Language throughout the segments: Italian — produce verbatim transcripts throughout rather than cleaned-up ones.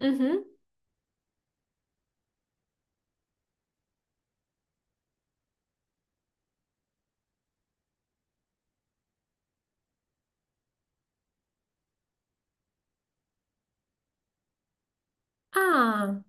Mhm. Ah.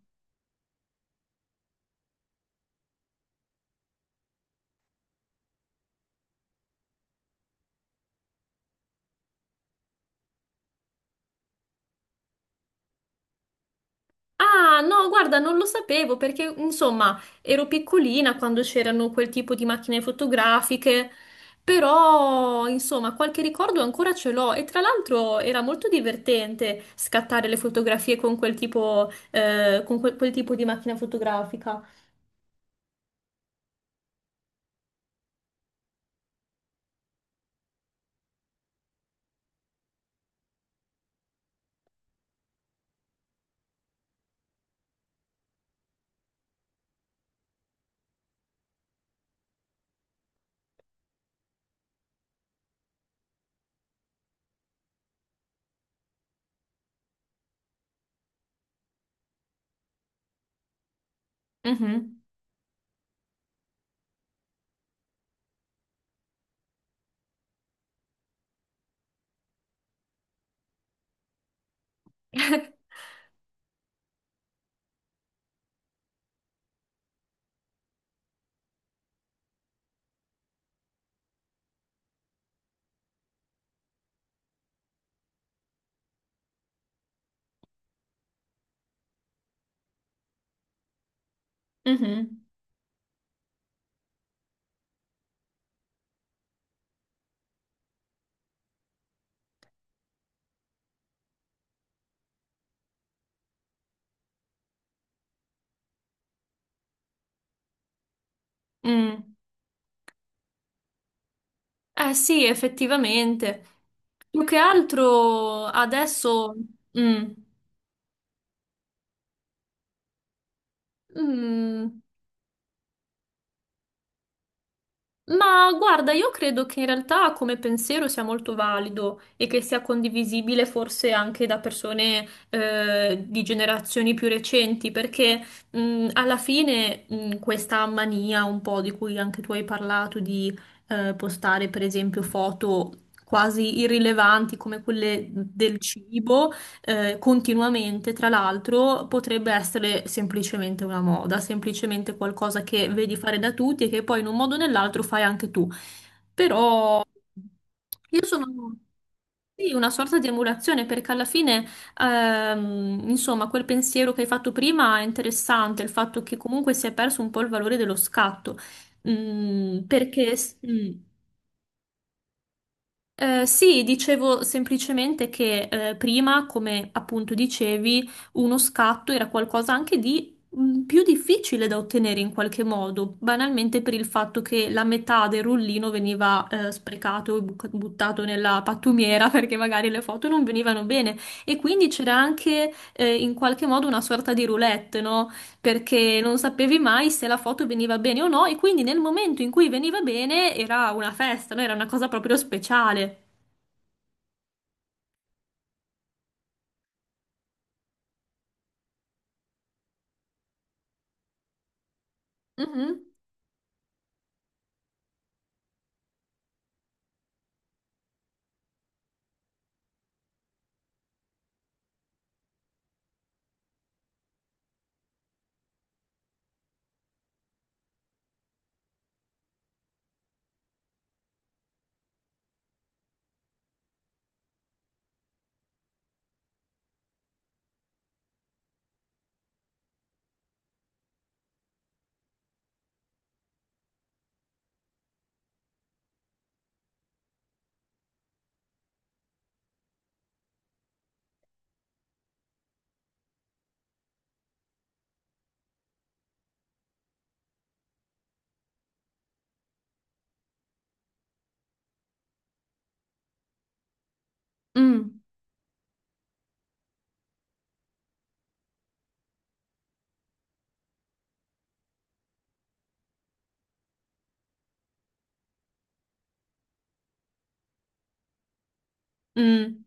Ah, no, guarda, non lo sapevo perché, insomma, ero piccolina quando c'erano quel tipo di macchine fotografiche, però, insomma, qualche ricordo ancora ce l'ho e tra l'altro era molto divertente scattare le fotografie con quel tipo, eh, con que- quel tipo di macchina fotografica. Mhm, mhm, mm. Eh sì, effettivamente. Più che altro adesso. Mm. Mm. Ma guarda, io credo che in realtà come pensiero sia molto valido e che sia condivisibile forse anche da persone eh, di generazioni più recenti, perché mh, alla fine mh, questa mania un po' di cui anche tu hai parlato, di eh, postare per esempio foto quasi irrilevanti come quelle del cibo eh, continuamente, tra l'altro, potrebbe essere semplicemente una moda, semplicemente qualcosa che vedi fare da tutti e che poi in un modo o nell'altro fai anche tu. Però io sono sì, una sorta di emulazione perché alla fine, ehm, insomma, quel pensiero che hai fatto prima è interessante, il fatto che comunque si è perso un po' il valore dello scatto. Mm, perché s- mm, eh, Sì, dicevo semplicemente che eh, prima, come appunto dicevi, uno scatto era qualcosa anche di mh, più difficile da ottenere in qualche modo, banalmente per il fatto che la metà del rullino veniva eh, sprecato e buc- buttato nella pattumiera perché magari le foto non venivano bene e quindi c'era anche eh, in qualche modo una sorta di roulette, no? Perché non sapevi mai se la foto veniva bene o no e quindi nel momento in cui veniva bene era una festa, no? Era una cosa proprio speciale. Mhm. Mm. Mm.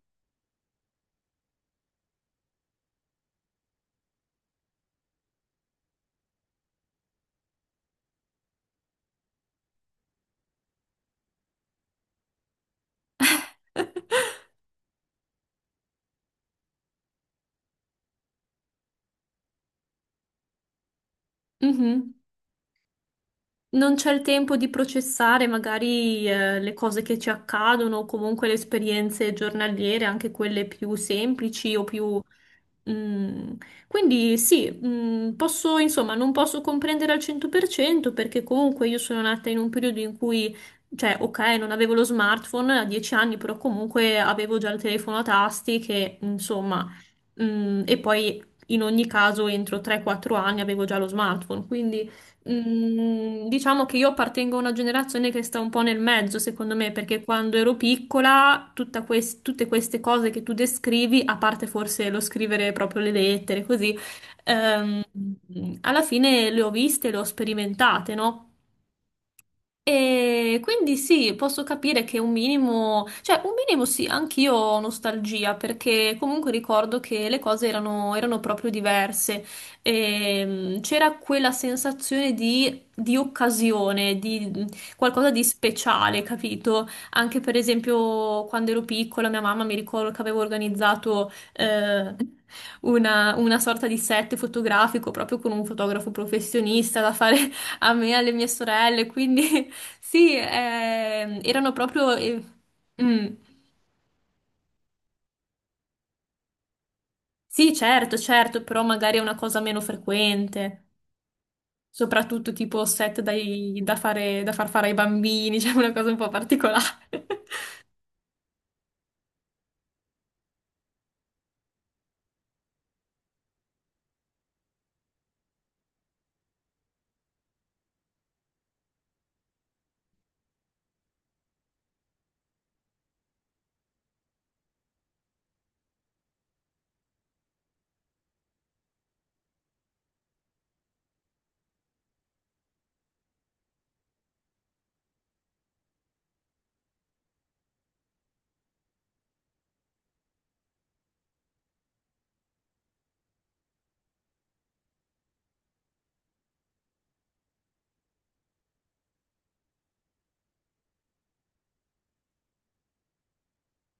Mhm. Non c'è il tempo di processare magari eh, le cose che ci accadono o comunque le esperienze giornaliere, anche quelle più semplici o più. Mm, quindi sì, mm, posso, insomma, non posso comprendere al cento per cento perché comunque io sono nata in un periodo in cui, cioè, ok, non avevo lo smartphone a 10 anni, però comunque avevo già il telefono a tasti che, insomma, mm, e poi in ogni caso entro 3-4 anni avevo già lo smartphone, quindi. Mm, diciamo che io appartengo a una generazione che sta un po' nel mezzo, secondo me, perché quando ero piccola, tutta quest- tutte queste cose che tu descrivi, a parte forse lo scrivere proprio le lettere, così, ehm, alla fine le ho viste, le ho sperimentate, no? E quindi sì, posso capire che un minimo, cioè un minimo sì, anch'io ho nostalgia perché comunque ricordo che le cose erano, erano proprio diverse. Ehm, c'era quella sensazione di, di occasione, di mh, qualcosa di speciale, capito? Anche per esempio quando ero piccola, mia mamma mi ricordo che avevo organizzato eh, una, una sorta di set fotografico proprio con un fotografo professionista da fare a me, e alle mie sorelle, quindi sì, ehm, erano proprio... eh, mm. Sì, certo, certo, però magari è una cosa meno frequente, soprattutto tipo set dai- da fare- da far fare ai bambini, cioè una cosa un po' particolare.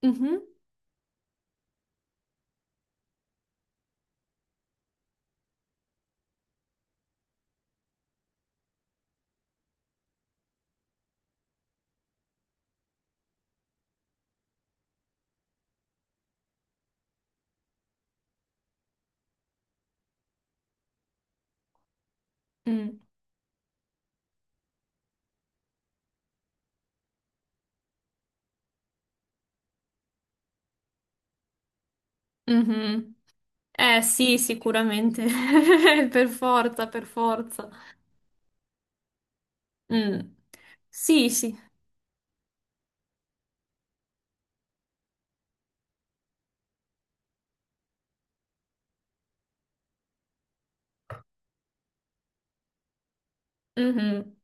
Mhm, mm, mhm. Eh sì, sicuramente, per forza, per forza. Mm. Sì, sì. Mhm.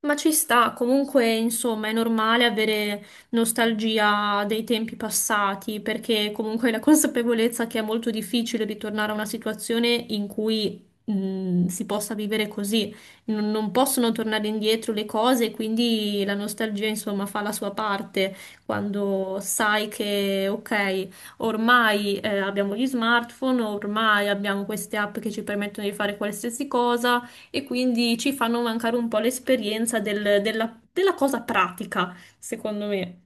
Ma ci sta, comunque, insomma, è normale avere nostalgia dei tempi passati, perché comunque la consapevolezza che è molto difficile ritornare a una situazione in cui mh, si possa vivere così. Non, non possono tornare indietro le cose, quindi la nostalgia, insomma, fa la sua parte quando sai che, ok, ormai eh, abbiamo gli smartphone, ormai abbiamo queste app che ci permettono di fare qualsiasi cosa e quindi ci fanno mancare un po' l'esperienza del- della, della cosa pratica, secondo me.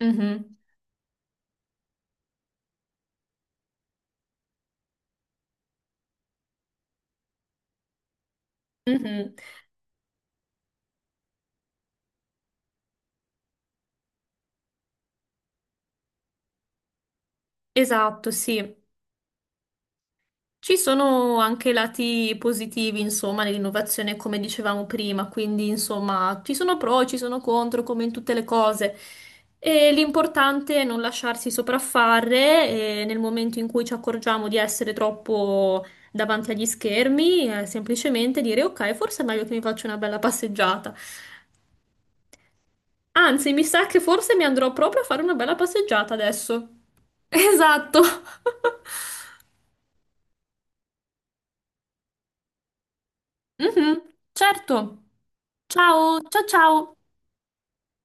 Mhm, mhm. Esatto, sì. Ci sono anche lati positivi, insomma, nell'innovazione, come dicevamo prima, quindi, insomma, ci sono pro, ci sono contro, come in tutte le cose. E l'importante è non lasciarsi sopraffare, e nel momento in cui ci accorgiamo di essere troppo davanti agli schermi, eh, semplicemente dire ok, forse è meglio che mi faccio una bella passeggiata. Anzi, mi sa che forse mi andrò proprio a fare una bella passeggiata adesso. Esatto. Mhm, certo. Ciao, ciao ciao.